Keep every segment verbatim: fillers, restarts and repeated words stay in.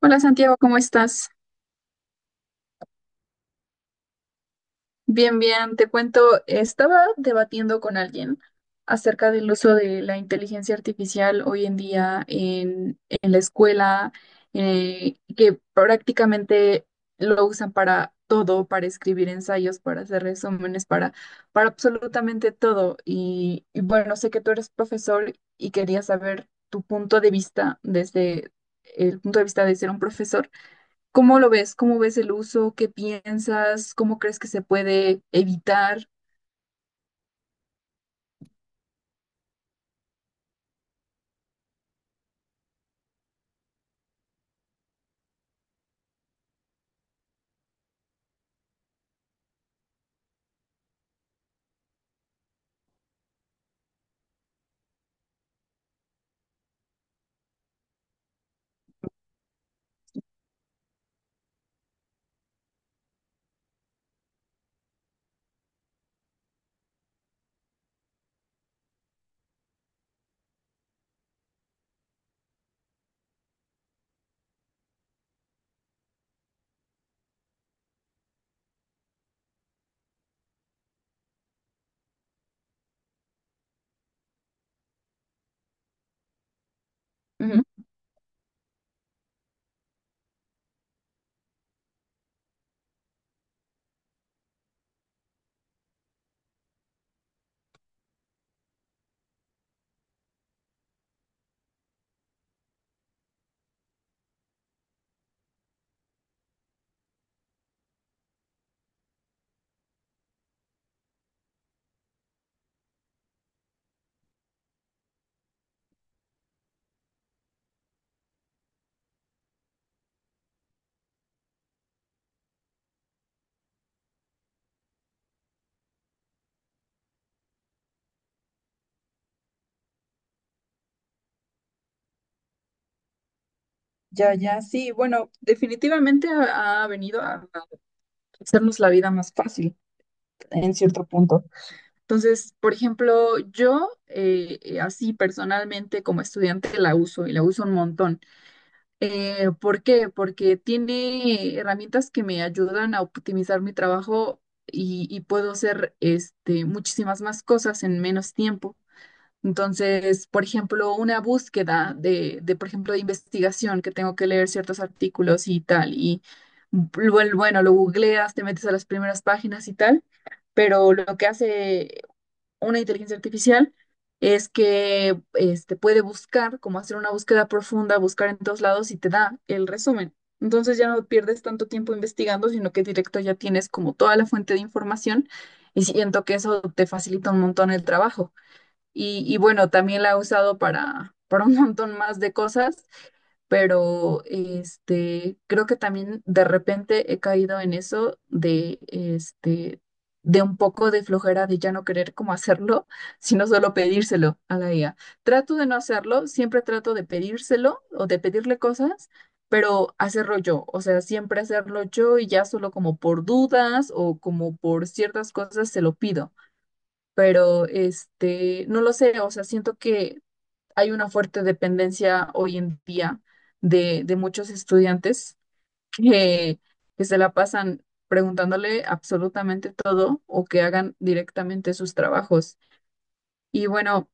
Hola Santiago, ¿cómo estás? Bien, bien, te cuento, estaba debatiendo con alguien acerca del uso de la inteligencia artificial hoy en día en, en la escuela, eh, que prácticamente lo usan para todo, para escribir ensayos, para hacer resúmenes, para, para absolutamente todo. Y, y bueno, sé que tú eres profesor y quería saber tu punto de vista desde el punto de vista de ser un profesor. ¿Cómo lo ves? ¿Cómo ves el uso? ¿Qué piensas? ¿Cómo crees que se puede evitar? Ujú. Ya, ya, sí, bueno, definitivamente ha, ha venido a a hacernos la vida más fácil en cierto punto. Entonces, por ejemplo, yo eh, eh, así personalmente como estudiante la uso y la uso un montón. Eh, ¿por qué? Porque tiene herramientas que me ayudan a optimizar mi trabajo y, y puedo hacer este, muchísimas más cosas en menos tiempo. Entonces, por ejemplo, una búsqueda de, de, por ejemplo, de investigación, que tengo que leer ciertos artículos y tal, y bu- bueno, lo googleas, te metes a las primeras páginas y tal, pero lo que hace una inteligencia artificial es que este, puede buscar, como hacer una búsqueda profunda, buscar en todos lados y te da el resumen. Entonces ya no pierdes tanto tiempo investigando, sino que directo ya tienes como toda la fuente de información y siento que eso te facilita un montón el trabajo. Y, y bueno, también la he usado para, para un montón más de cosas, pero este, creo que también de repente he caído en eso de, este, de un poco de flojera de ya no querer como hacerlo, sino solo pedírselo a la I A. Trato de no hacerlo, siempre trato de pedírselo o de pedirle cosas, pero hacerlo yo, o sea, siempre hacerlo yo y ya solo como por dudas o como por ciertas cosas se lo pido, pero este, no lo sé, o sea, siento que hay una fuerte dependencia hoy en día de, de muchos estudiantes que, que se la pasan preguntándole absolutamente todo o que hagan directamente sus trabajos. Y bueno,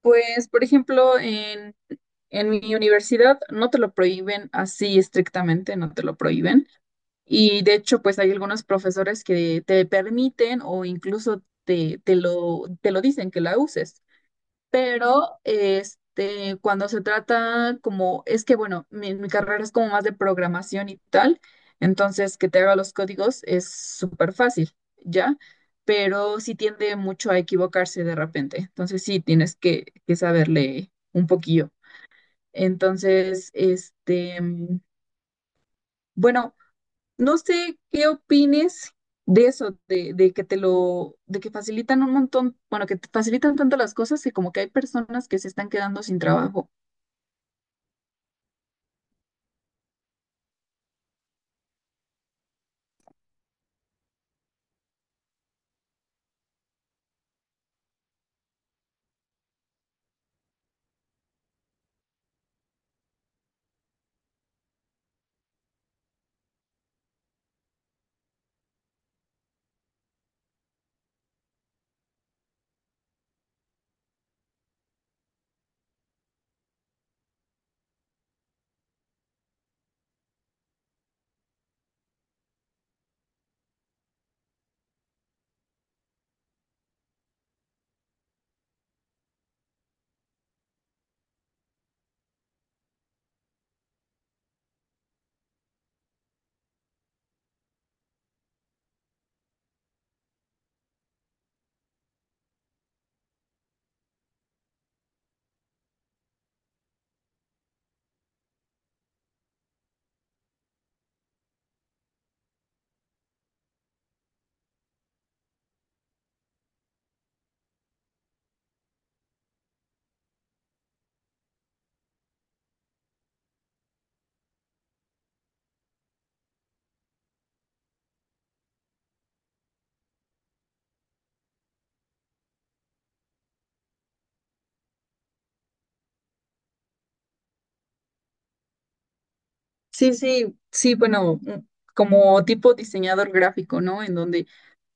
pues, por ejemplo, en, en mi universidad no te lo prohíben así estrictamente, no te lo prohíben. Y de hecho, pues hay algunos profesores que te permiten o incluso te, te lo, te lo dicen que la uses. Pero este, cuando se trata como, es que bueno, mi, mi carrera es como más de programación y tal, entonces que te haga los códigos es súper fácil, ¿ya? Pero sí tiende mucho a equivocarse de repente, entonces sí tienes que, que saberle un poquillo. Entonces, este, mm, bueno, no sé qué opines de eso, de, de que te lo, de que facilitan un montón, bueno, que te facilitan tanto las cosas que como que hay personas que se están quedando sin trabajo. Sí, sí, sí, bueno, mm, como tipo diseñador gráfico, ¿no? En donde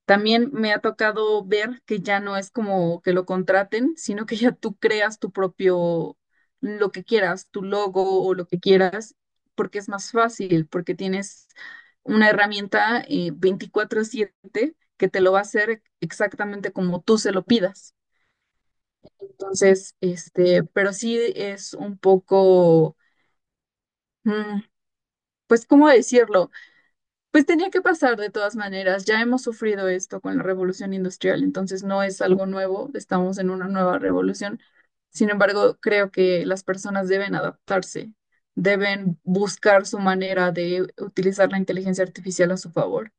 también me ha tocado ver que ya no es como que lo contraten, sino que ya tú creas tu propio, lo que quieras, tu logo o lo que quieras, porque es más fácil, porque tienes una herramienta eh, veinticuatro siete que te lo va a hacer exactamente como tú se lo pidas. Entonces, este, pero sí es un poco, mm, pues, ¿cómo decirlo? Pues tenía que pasar de todas maneras. Ya hemos sufrido esto con la revolución industrial, entonces no es algo nuevo, estamos en una nueva revolución. Sin embargo, creo que las personas deben adaptarse, deben buscar su manera de utilizar la inteligencia artificial a su favor.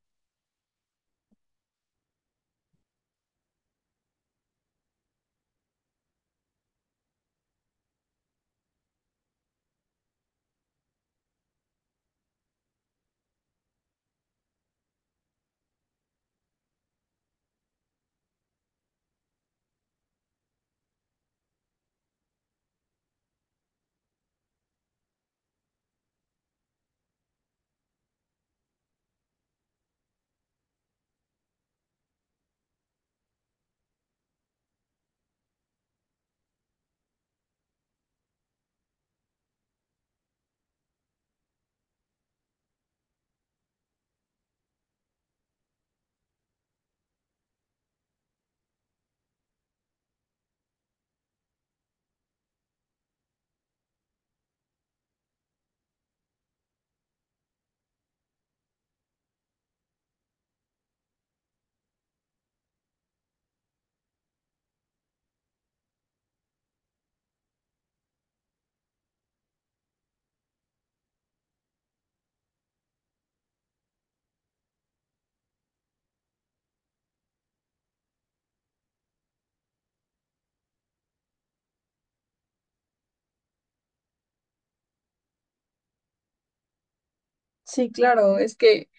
Sí, claro, es que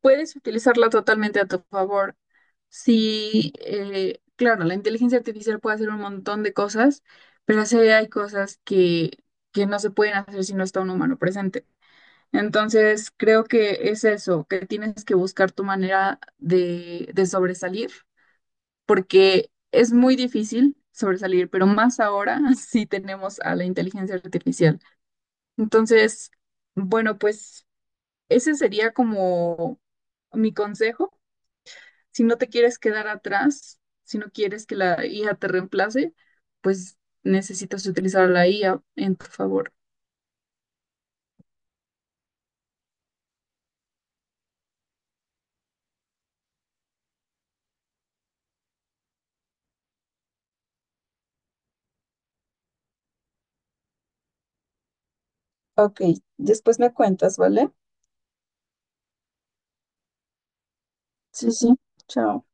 puedes utilizarla totalmente a tu favor. Sí, eh, claro, la inteligencia artificial puede hacer un montón de cosas, pero sí hay cosas que, que no se pueden hacer si no está un humano presente. Entonces, creo que es eso, que tienes que buscar tu manera de, de sobresalir, porque es muy difícil sobresalir, pero más ahora sí tenemos a la inteligencia artificial. Entonces, bueno, pues ese sería como mi consejo si no te quieres quedar atrás, si no quieres que la I A te reemplace, pues necesitas utilizar la I A en tu favor. Ok, después me cuentas, ¿vale? Sí, sí, chao.